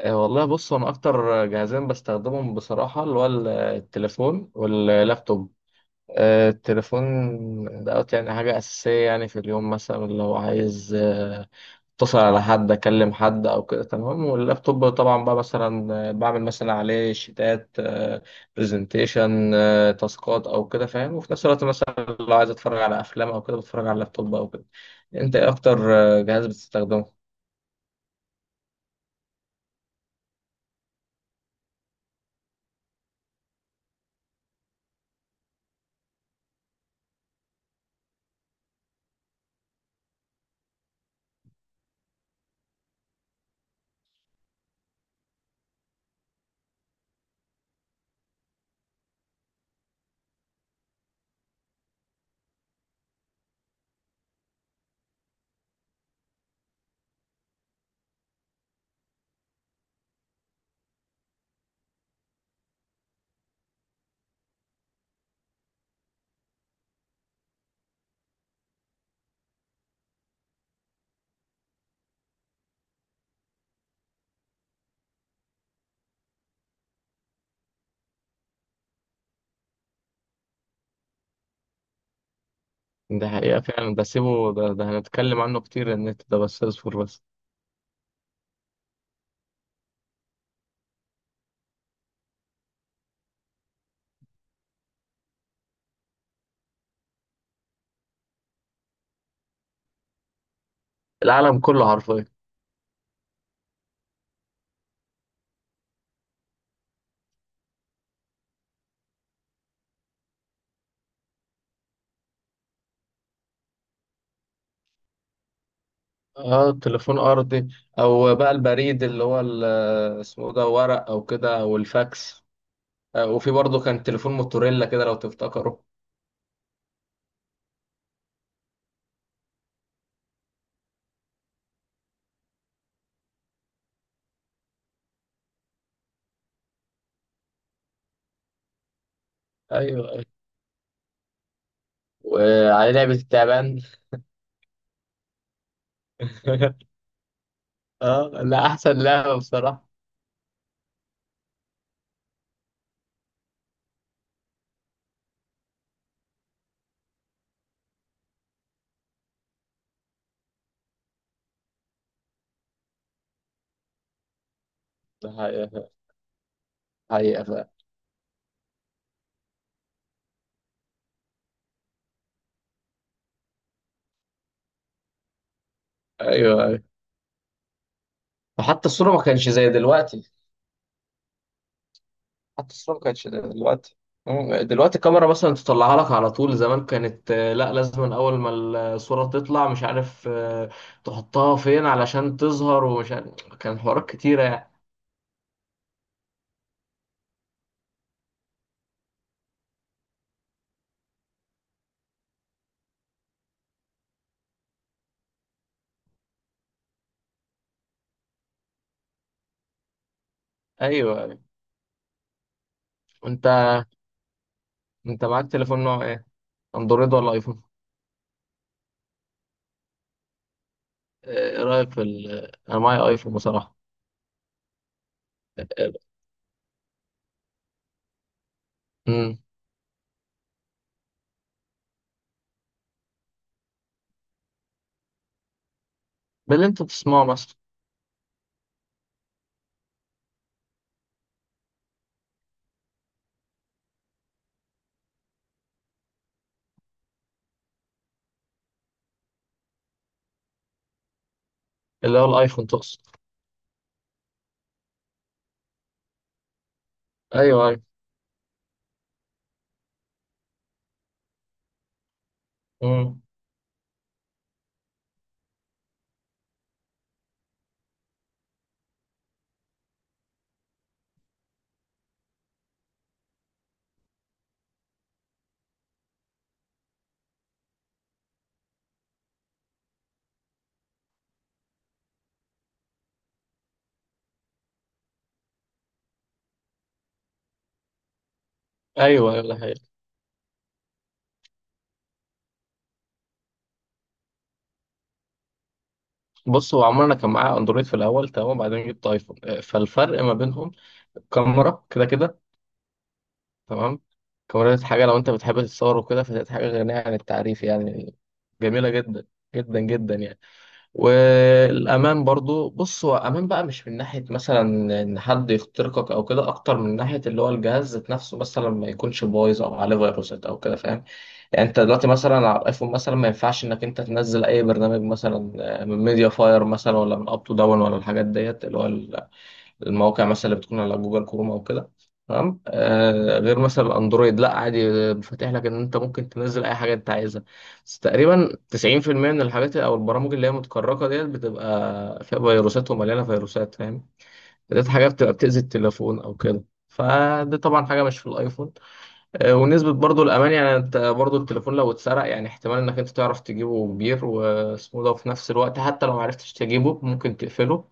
والله بص انا اكتر جهازين بستخدمهم بصراحه اللي هو التليفون واللابتوب. التليفون دوت يعني حاجه اساسيه، يعني في اليوم مثلا لو عايز اتصل على حد، اكلم حد او كده. تمام، واللابتوب طبعا بقى مثلا بعمل مثلا عليه شيتات، برزنتيشن، تاسكات او كده، فاهم؟ وفي نفس الوقت مثلا لو عايز اتفرج على افلام او كده بتفرج على اللابتوب او كده. انت ايه اكتر جهاز بتستخدمه؟ ده حقيقة فعلا، ده سيبه ده، هنتكلم عنه كتير. النت ده بس اصبر بس. العالم كله حرفيا. اه، تليفون ارضي. او بقى البريد اللي هو اسمه ده، ورق او كده، او الفاكس. وفي برضه كان تليفون موتوريلا كده لو تفتكروا. ايوه، أيوة. وعلى لعبة التعبان. اه لا، احسن لعبة بصراحة. ده حقيقة فعلا. حقيقة فعلا. ايوه، ايوه. وحتى الصورة ما كانش زي دلوقتي. حتى الصورة ما كانتش دلوقتي. مم. دلوقتي الكاميرا مثلا تطلعها لك على طول. زمان كانت لا، لازم أول ما الصورة تطلع مش عارف تحطها فين علشان تظهر، ومش عارف، كان حوارات كتيرة يعني. أيوه. أنت أنت معاك تليفون نوع إيه؟ أندرويد ولا أيفون؟ آه، إيه رأيك في أنا معايا أيفون بصراحة. امم. باللي أنت بتسمعه مثلا. اللي هو الأيفون تقصد. أيوه، أيوه. امم. أيوه، أيوه، ده حقيقي. بص، هو عمرنا كان معايا أندرويد في الأول، تمام، وبعدين جبت أيفون. فالفرق ما بينهم كاميرا، كده كده، تمام. كاميرا ديت حاجة لو أنت بتحب تتصور وكده، فديت حاجة غنية عن التعريف يعني، جميلة جدا، جدا جدا يعني. والأمان برضو، بص، هو أمان بقى مش من ناحية مثلا إن حد يخترقك أو كده، أكتر من ناحية اللي هو الجهاز ذات نفسه مثلا ما يكونش بايظ أو عليه فيروسات أو كده، فاهم؟ يعني أنت دلوقتي مثلا على الأيفون مثلا ما ينفعش إنك أنت تنزل أي برنامج مثلا من ميديا فاير مثلا، ولا من أب تو داون، ولا الحاجات ديت اللي هو المواقع مثلا اللي بتكون على جوجل كروم او كده. تمام، آه، غير مثلا الاندرويد لا، عادي، فاتح لك ان انت ممكن تنزل اي حاجه انت عايزها. بس تقريبا 90% من الحاجات او البرامج اللي هي متكركه ديت بتبقى فيها فيروسات ومليانه فيروسات، فاهم؟ ديت حاجه بتبقى بتاذي التليفون او كده، فدي طبعا حاجه مش في الايفون. ونسبة برضو الأمان، يعني أنت برضو التليفون لو اتسرق، يعني احتمال إنك أنت تعرف تجيبه كبير واسمه ده، وفي نفس الوقت حتى لو معرفتش تجيبه ممكن تقفله،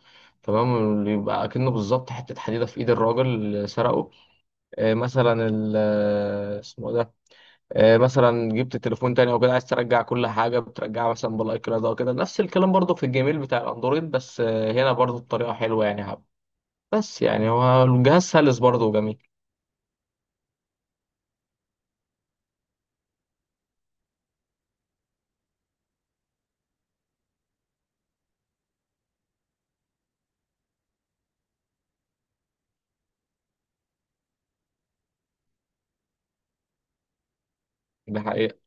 تمام، يبقى أكنه بالظبط حتة حديدة في إيد الراجل اللي سرقه. آه، مثلا ال- آه، اسمه ده. مثلا جبت تليفون تاني أو كده، عايز ترجع كل حاجة بترجعها مثلا بالأي كلاود أو كده، نفس الكلام برضو في الجيميل بتاع الأندرويد، بس هنا برضو الطريقة حلوة يعني، حب. بس يعني هو الجهاز سلس برضو وجميل. ده حقيقة.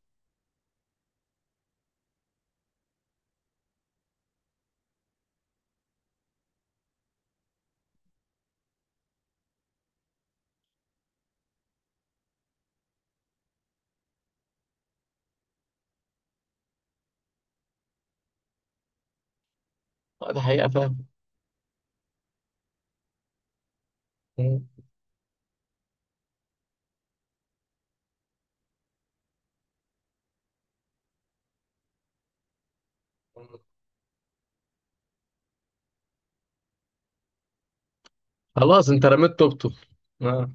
ده حقيقة، فاهم. خلاص انت رميت توبته. اه،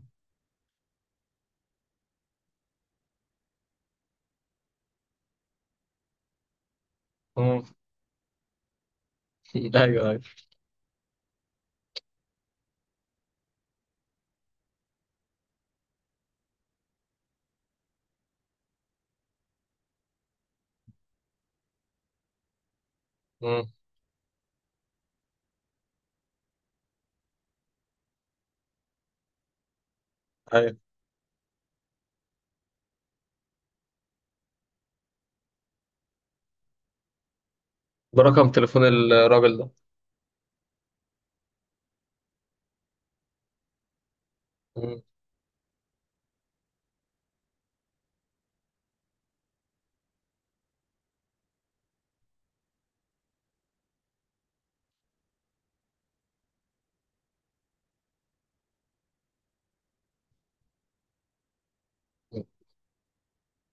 اه. ايوه، ايوه. اه، ايوه. برقم تليفون الراجل ده. اه.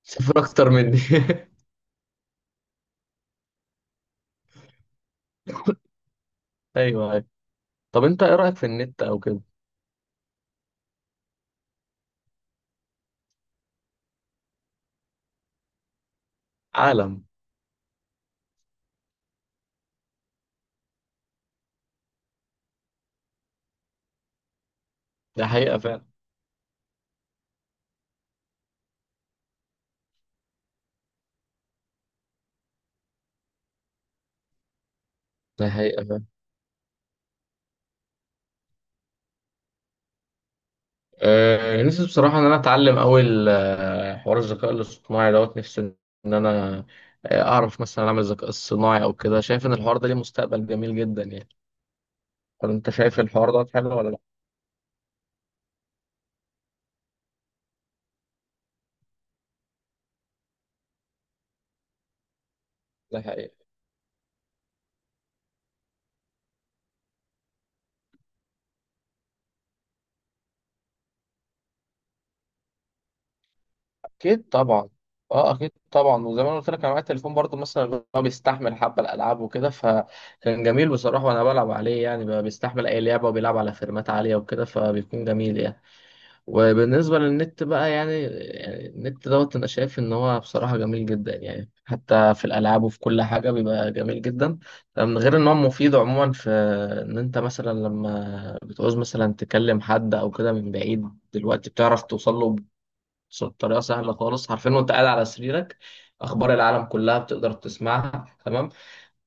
صفر اكتر مني. ايوه، ايوه. طب انت ايه رايك في النت او كده؟ عالم. ده حقيقه فعلا. ده حقيقه فعلا. أه، نفسي بصراحه ان انا اتعلم اول حوار الذكاء الاصطناعي دوت. نفسي ان انا اعرف مثلا اعمل ذكاء اصطناعي او كده. شايف ان الحوار ده ليه مستقبل جميل جدا يعني. طب انت شايف الحوار ده حلو ولا لا؟ ده حقيقه. اكيد طبعا. اه اكيد طبعا، وزي ما انا قلت لك انا معايا التليفون برضو مثلا اللي هو بيستحمل حبه الالعاب وكده، فكان جميل بصراحه، وانا بلعب عليه يعني بقى بيستحمل اي لعبه وبيلعب على فريمات عاليه وكده، فبيكون جميل يعني. وبالنسبه للنت بقى، يعني، النت دوت انا شايف ان هو بصراحه جميل جدا يعني، حتى في الالعاب وفي كل حاجه بيبقى جميل جدا، من غير ان هو مفيد عموما في ان انت مثلا لما بتعوز مثلا تكلم حد او كده من بعيد دلوقتي بتعرف توصل له بطريقه سهله خالص، عارفين، وانت قاعد على سريرك اخبار العالم كلها بتقدر تسمعها، تمام،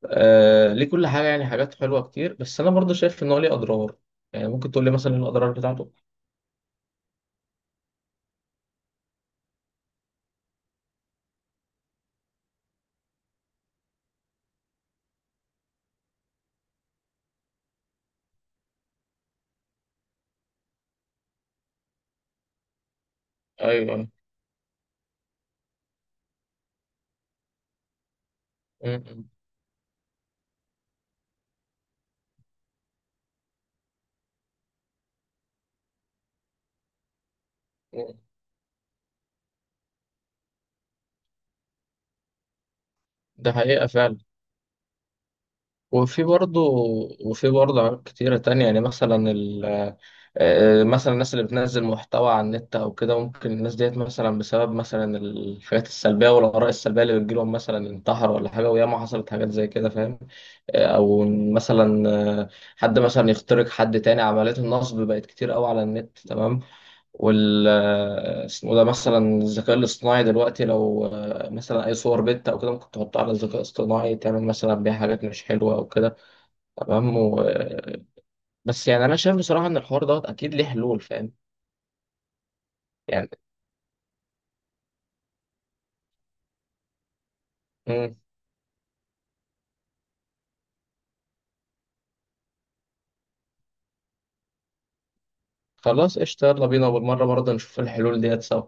آه، ليه كل حاجه يعني، حاجات حلوه كتير. بس انا برضه شايف ان هو ليه اضرار، يعني ممكن تقول لي مثلا ايه الاضرار بتاعته. ايوه، أيوة. م- م- م. ده حقيقه فعلا. وفي برضه وفي برضه عوامل كتيرة تانية يعني، مثلا مثلا الناس اللي بتنزل محتوى على النت أو كده، ممكن الناس ديت مثلا بسبب مثلا الحاجات السلبية والآراء السلبية اللي بتجيلهم مثلا انتحر ولا حاجة، وياما حصلت حاجات زي كده، فاهم. آه، أو مثلا آه، حد مثلا يخترق حد تاني. عمليات النصب بقت كتير قوي على النت، تمام. وال اسمه ده، مثلا الذكاء الاصطناعي دلوقتي لو مثلا أي صور بنت أو كده ممكن تحطها على الذكاء الاصطناعي تعمل مثلا بيها حاجات مش حلوة أو كده، تمام، بس يعني انا شايف بصراحه ان الحوار دوت اكيد ليه حلول، فاهم يعني. مم. خلاص قشطه، يلا بينا، وبالمره برضه نشوف الحلول ديت سوا.